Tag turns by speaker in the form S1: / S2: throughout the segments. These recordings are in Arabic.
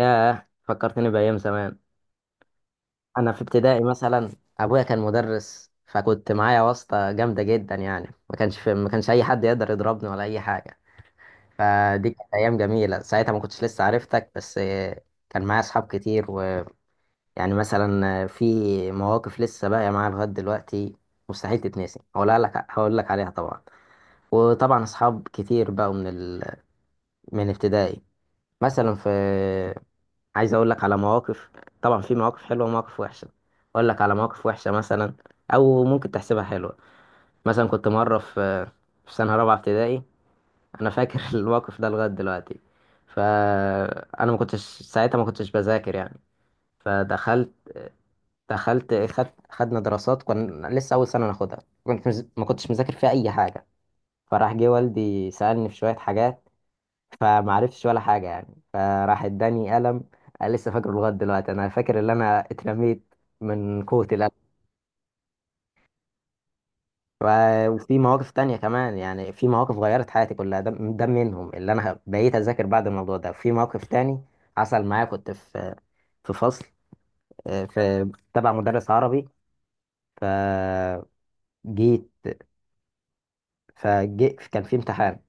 S1: ياه، فكرتني بأيام زمان. أنا في ابتدائي مثلا، أبويا كان مدرس فكنت معايا واسطة جامدة جدا. يعني ما كانش أي حد يقدر يضربني ولا أي حاجة. فدي كانت أيام جميلة، ساعتها ما كنتش لسه عرفتك. بس كان معايا أصحاب كتير. ويعني مثلا في مواقف لسه باقية معايا لغاية دلوقتي، مستحيل تتنسي، هقولها لك، هقول لك عليها طبعا. وطبعا أصحاب كتير بقوا من ابتدائي. مثلا في، عايز اقول لك على مواقف. طبعا في مواقف حلوه ومواقف وحشه. اقول لك على مواقف وحشه مثلا، او ممكن تحسبها حلوه. مثلا كنت مره في في سنه رابعه ابتدائي، انا فاكر الموقف ده لغايه دلوقتي. فانا ما كنتش ساعتها، ما كنتش بذاكر يعني. فدخلت دخلت خد خدنا دراسات، كنا لسه اول سنه ناخدها. ما كنتش مذاكر فيها اي حاجه. فراح جه والدي سالني في شويه حاجات، فمعرفتش ولا حاجة يعني. فراح اداني قلم، أنا لسه فاكره لغاية دلوقتي. أنا فاكر إن أنا اترميت من قوة القلم. و- وفي مواقف تانية كمان. يعني في مواقف غيرت حياتي كلها، ده منهم. اللي أنا بقيت أذاكر بعد الموضوع ده. في موقف تاني حصل معايا، كنت في فصل، في تبع مدرس عربي. فجيت فجيت كان في امتحان،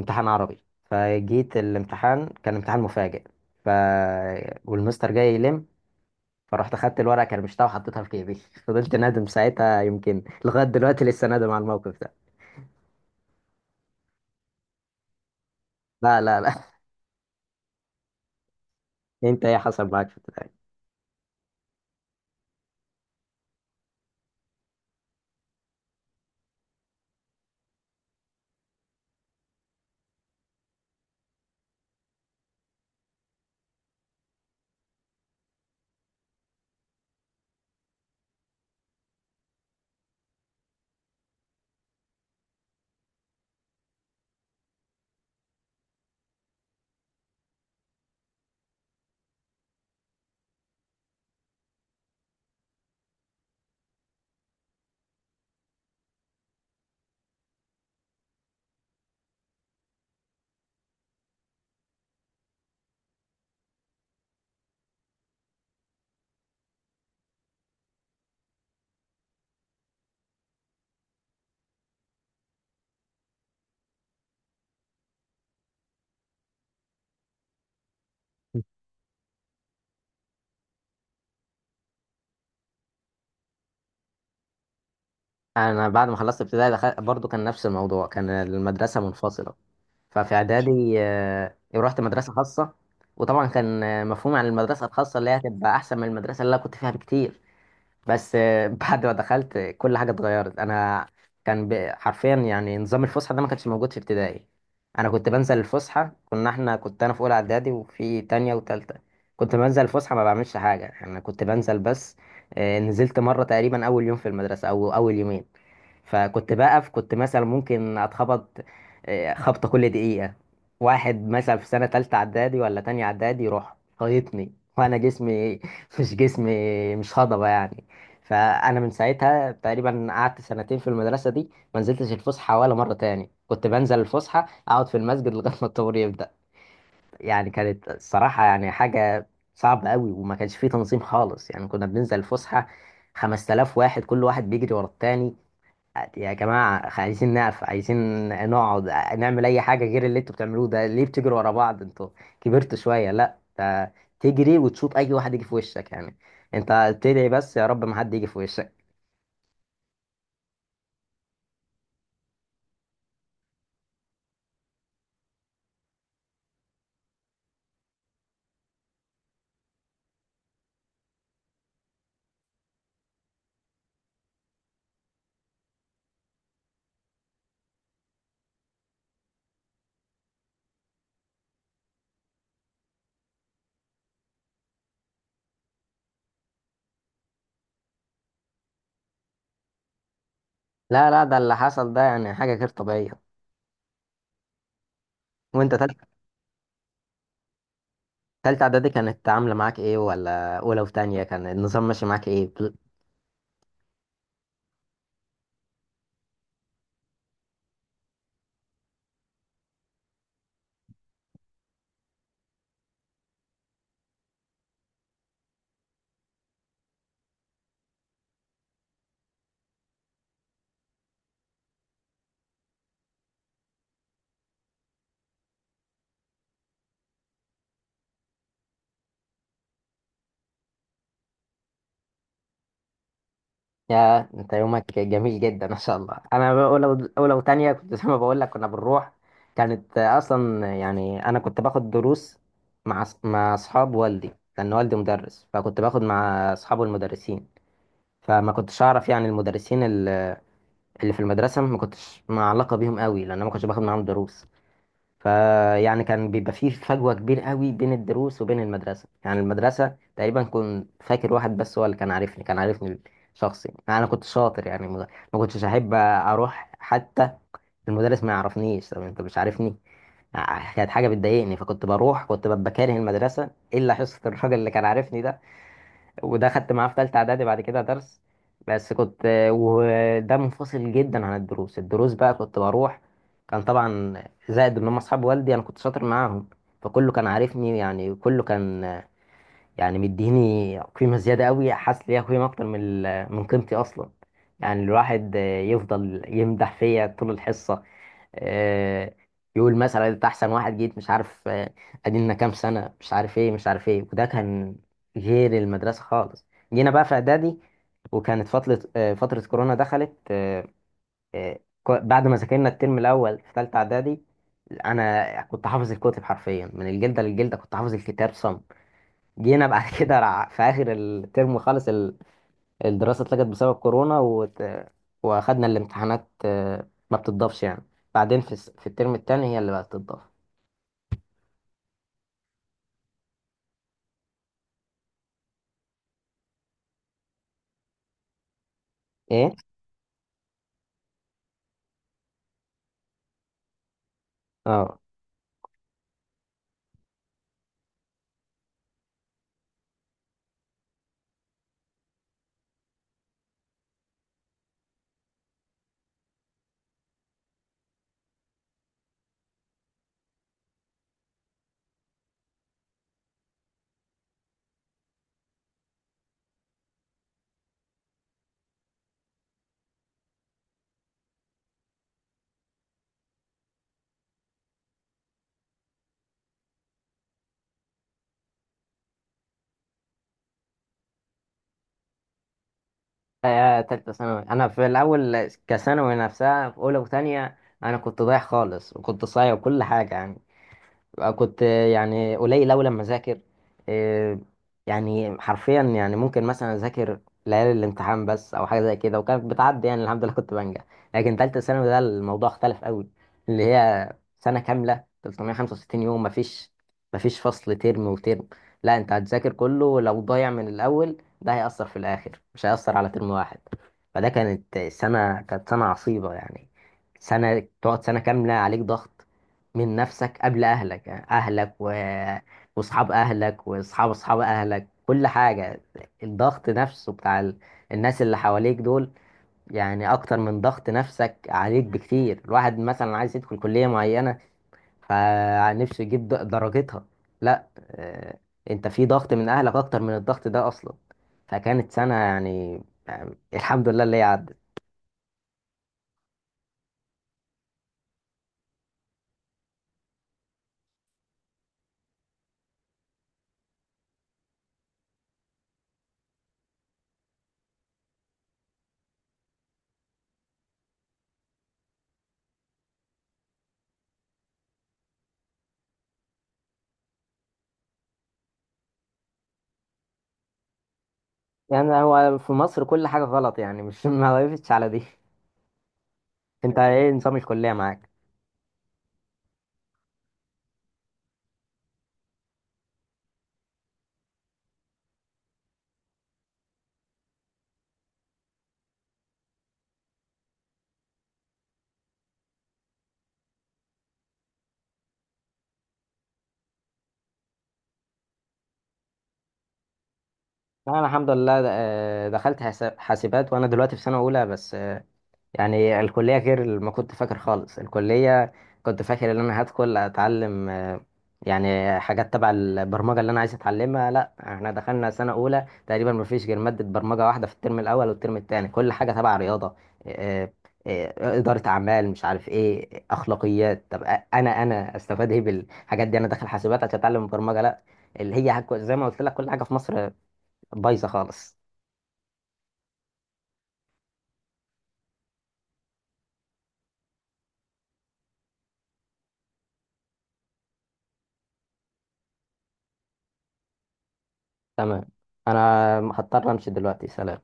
S1: امتحان عربي. فجيت الامتحان كان امتحان مفاجئ، ف والمستر جاي يلم. فرحت اخدت الورقه كرمشتها وحطيتها في جيبي فضلت نادم ساعتها، يمكن لغايه دلوقتي لسه نادم على الموقف ده. لا لا لا. انت ايه حصل معاك في ابتدائي؟ انا بعد ما خلصت ابتدائي دخلت، برضو كان نفس الموضوع، كان المدرسه منفصله. ففي اعدادي، رحت مدرسه خاصه. وطبعا كان مفهومي عن المدرسه الخاصه اللي هي هتبقى احسن من المدرسه اللي انا كنت فيها بكتير. بس بعد ما دخلت كل حاجه اتغيرت. انا كان حرفيا يعني نظام الفسحه ده ما كانش موجود في ابتدائي. انا كنت بنزل الفسحه، كنا احنا كنت انا في اولى اعدادي وفي تانية وتالتة. كنت بنزل الفسحه ما بعملش حاجه، انا كنت بنزل بس. نزلت مره تقريبا اول يوم في المدرسه او اول يومين، فكنت بقف، كنت مثلا ممكن اتخبط خبطة كل دقيقة. واحد مثلا في سنة تالتة اعدادي ولا تانية اعدادي يروح خايطني وانا جسمي مش جسمي، مش هضبة يعني. فانا من ساعتها تقريبا قعدت سنتين في المدرسة دي ما نزلتش الفسحة ولا مرة تاني. كنت بنزل الفسحة اقعد في المسجد لغاية ما الطابور يبدأ. يعني كانت الصراحة يعني حاجة صعبة قوي، وما كانش فيه تنظيم خالص. يعني كنا بننزل الفسحة 5000 واحد، كل واحد بيجري ورا التاني. يا جماعة، عايزين نقف، عايزين نقعد، نعمل أي حاجة غير اللي انتوا بتعملوه ده. ليه بتجروا ورا بعض انتوا؟ كبرتوا شوية. لا ده، تجري وتشوط أي واحد يجي في وشك يعني. انت تدعي بس يا رب ما حد يجي في وشك. لا لا، ده اللي حصل ده يعني حاجة غير طبيعية. وانت تالتة، تالتة إعدادي كانت عاملة معاك ايه؟ ولا أولى وتانية كان النظام ماشي معاك ايه؟ يا انت يومك جميل جدا ما شاء الله. انا اولى، اولى وتانية كنت زي ما بقول لك كنا بنروح. كانت اصلا يعني انا كنت باخد دروس مع اصحاب والدي، لان والدي مدرس فكنت باخد مع اصحابه المدرسين. فما كنتش اعرف يعني المدرسين اللي في المدرسه، ما كنتش مع علاقه بيهم قوي لان انا ما كنتش باخد معاهم دروس. فيعني كان بيبقى فيه فجوة كبيرة قوي بين الدروس وبين المدرسة. يعني المدرسة تقريبا كنت فاكر واحد بس هو اللي كان عارفني شخصي. يعني أنا كنت شاطر يعني، ما كنتش أحب أروح حتى. المدرس ما يعرفنيش، طب أنت مش عارفني، كانت حاجة بتضايقني. فكنت بروح كنت ببقى كاره المدرسة إلا حصة الراجل اللي كان عارفني ده، وده خدت معاه في تالتة اعدادي بعد كده درس. بس كنت، وده منفصل جدا عن الدروس. الدروس بقى كنت بروح، كان طبعا زائد ان هم اصحاب والدي، انا كنت شاطر معاهم فكله كان عارفني. يعني كله كان يعني مديني قيمة زيادة قوي، حاسس ليها قيمة أكتر من من قيمتي أصلا. يعني الواحد يفضل يمدح فيا طول الحصة. آه، يقول مثلا أنت أحسن واحد جيت، مش عارف أدينا كام سنة، مش عارف إيه مش عارف إيه. وده كان غير المدرسة خالص. جينا بقى في إعدادي، وكانت فترة فترة كورونا. دخلت بعد ما ذاكرنا الترم الأول في تالتة إعدادي، أنا كنت حافظ الكتب حرفيا من الجلدة للجلدة، كنت حافظ الكتاب صم. جينا بعد كده في اخر الترم خالص، الدراسه اتلغت بسبب كورونا واخدنا الامتحانات ما بتضافش يعني. بعدين في في الترم التاني هي اللي بقت تضاف. ايه. اه. تالتة ثانوي انا في الاول كثانوي نفسها في اولى وثانيه انا كنت ضايع خالص وكنت صايع وكل حاجه يعني. كنت يعني قليل أوي لما أذاكر. إيه، يعني حرفيا يعني ممكن مثلا أذاكر ليالي الامتحان بس أو حاجة زي كده، وكانت بتعدي يعني الحمد لله كنت بنجح. لكن تالتة ثانوي ده الموضوع اختلف أوي، اللي هي سنة كاملة 365 يوم، مفيش فصل ترم وترم. لا أنت هتذاكر كله، لو ضايع من الأول ده هيأثر في الآخر مش هيأثر على ترم واحد. فده كانت سنة عصيبة يعني. سنة تقعد سنة كاملة عليك ضغط من نفسك قبل أهلك. يعني أهلك وأصحاب أهلك وأصحاب أصحاب أهلك كل حاجة. الضغط نفسه بتاع الناس اللي حواليك دول يعني أكتر من ضغط نفسك عليك بكتير. الواحد مثلا عايز يدخل كلية معينة فنفسه يجيب درجتها. لا أنت في ضغط من أهلك أكتر من الضغط ده أصلا. فكانت سنة يعني الحمد لله اللي هي عدت. يعني هو في مصر كل حاجة غلط يعني، مش ما وقفتش على دي. أنت إيه نظام الكلية معاك؟ لا انا الحمد لله دخلت حاسبات، وانا دلوقتي في سنه اولى بس. يعني الكليه غير اللي ما كنت فاكر خالص. الكليه كنت فاكر ان انا هدخل اتعلم يعني حاجات تبع البرمجه اللي انا عايز اتعلمها. لا، احنا دخلنا سنه اولى تقريبا ما فيش غير ماده برمجه واحده في الترم الاول والترم الثاني. كل حاجه تبع رياضه، آه، اداره اعمال، مش عارف ايه، اخلاقيات. طب انا استفاد ايه بالحاجات دي؟ انا داخل حاسبات عشان اتعلم برمجه. لا، اللي هي زي ما قلت لك كل حاجه في مصر بايظه خالص. تمام. انا هضطر امشي دلوقتي، سلام.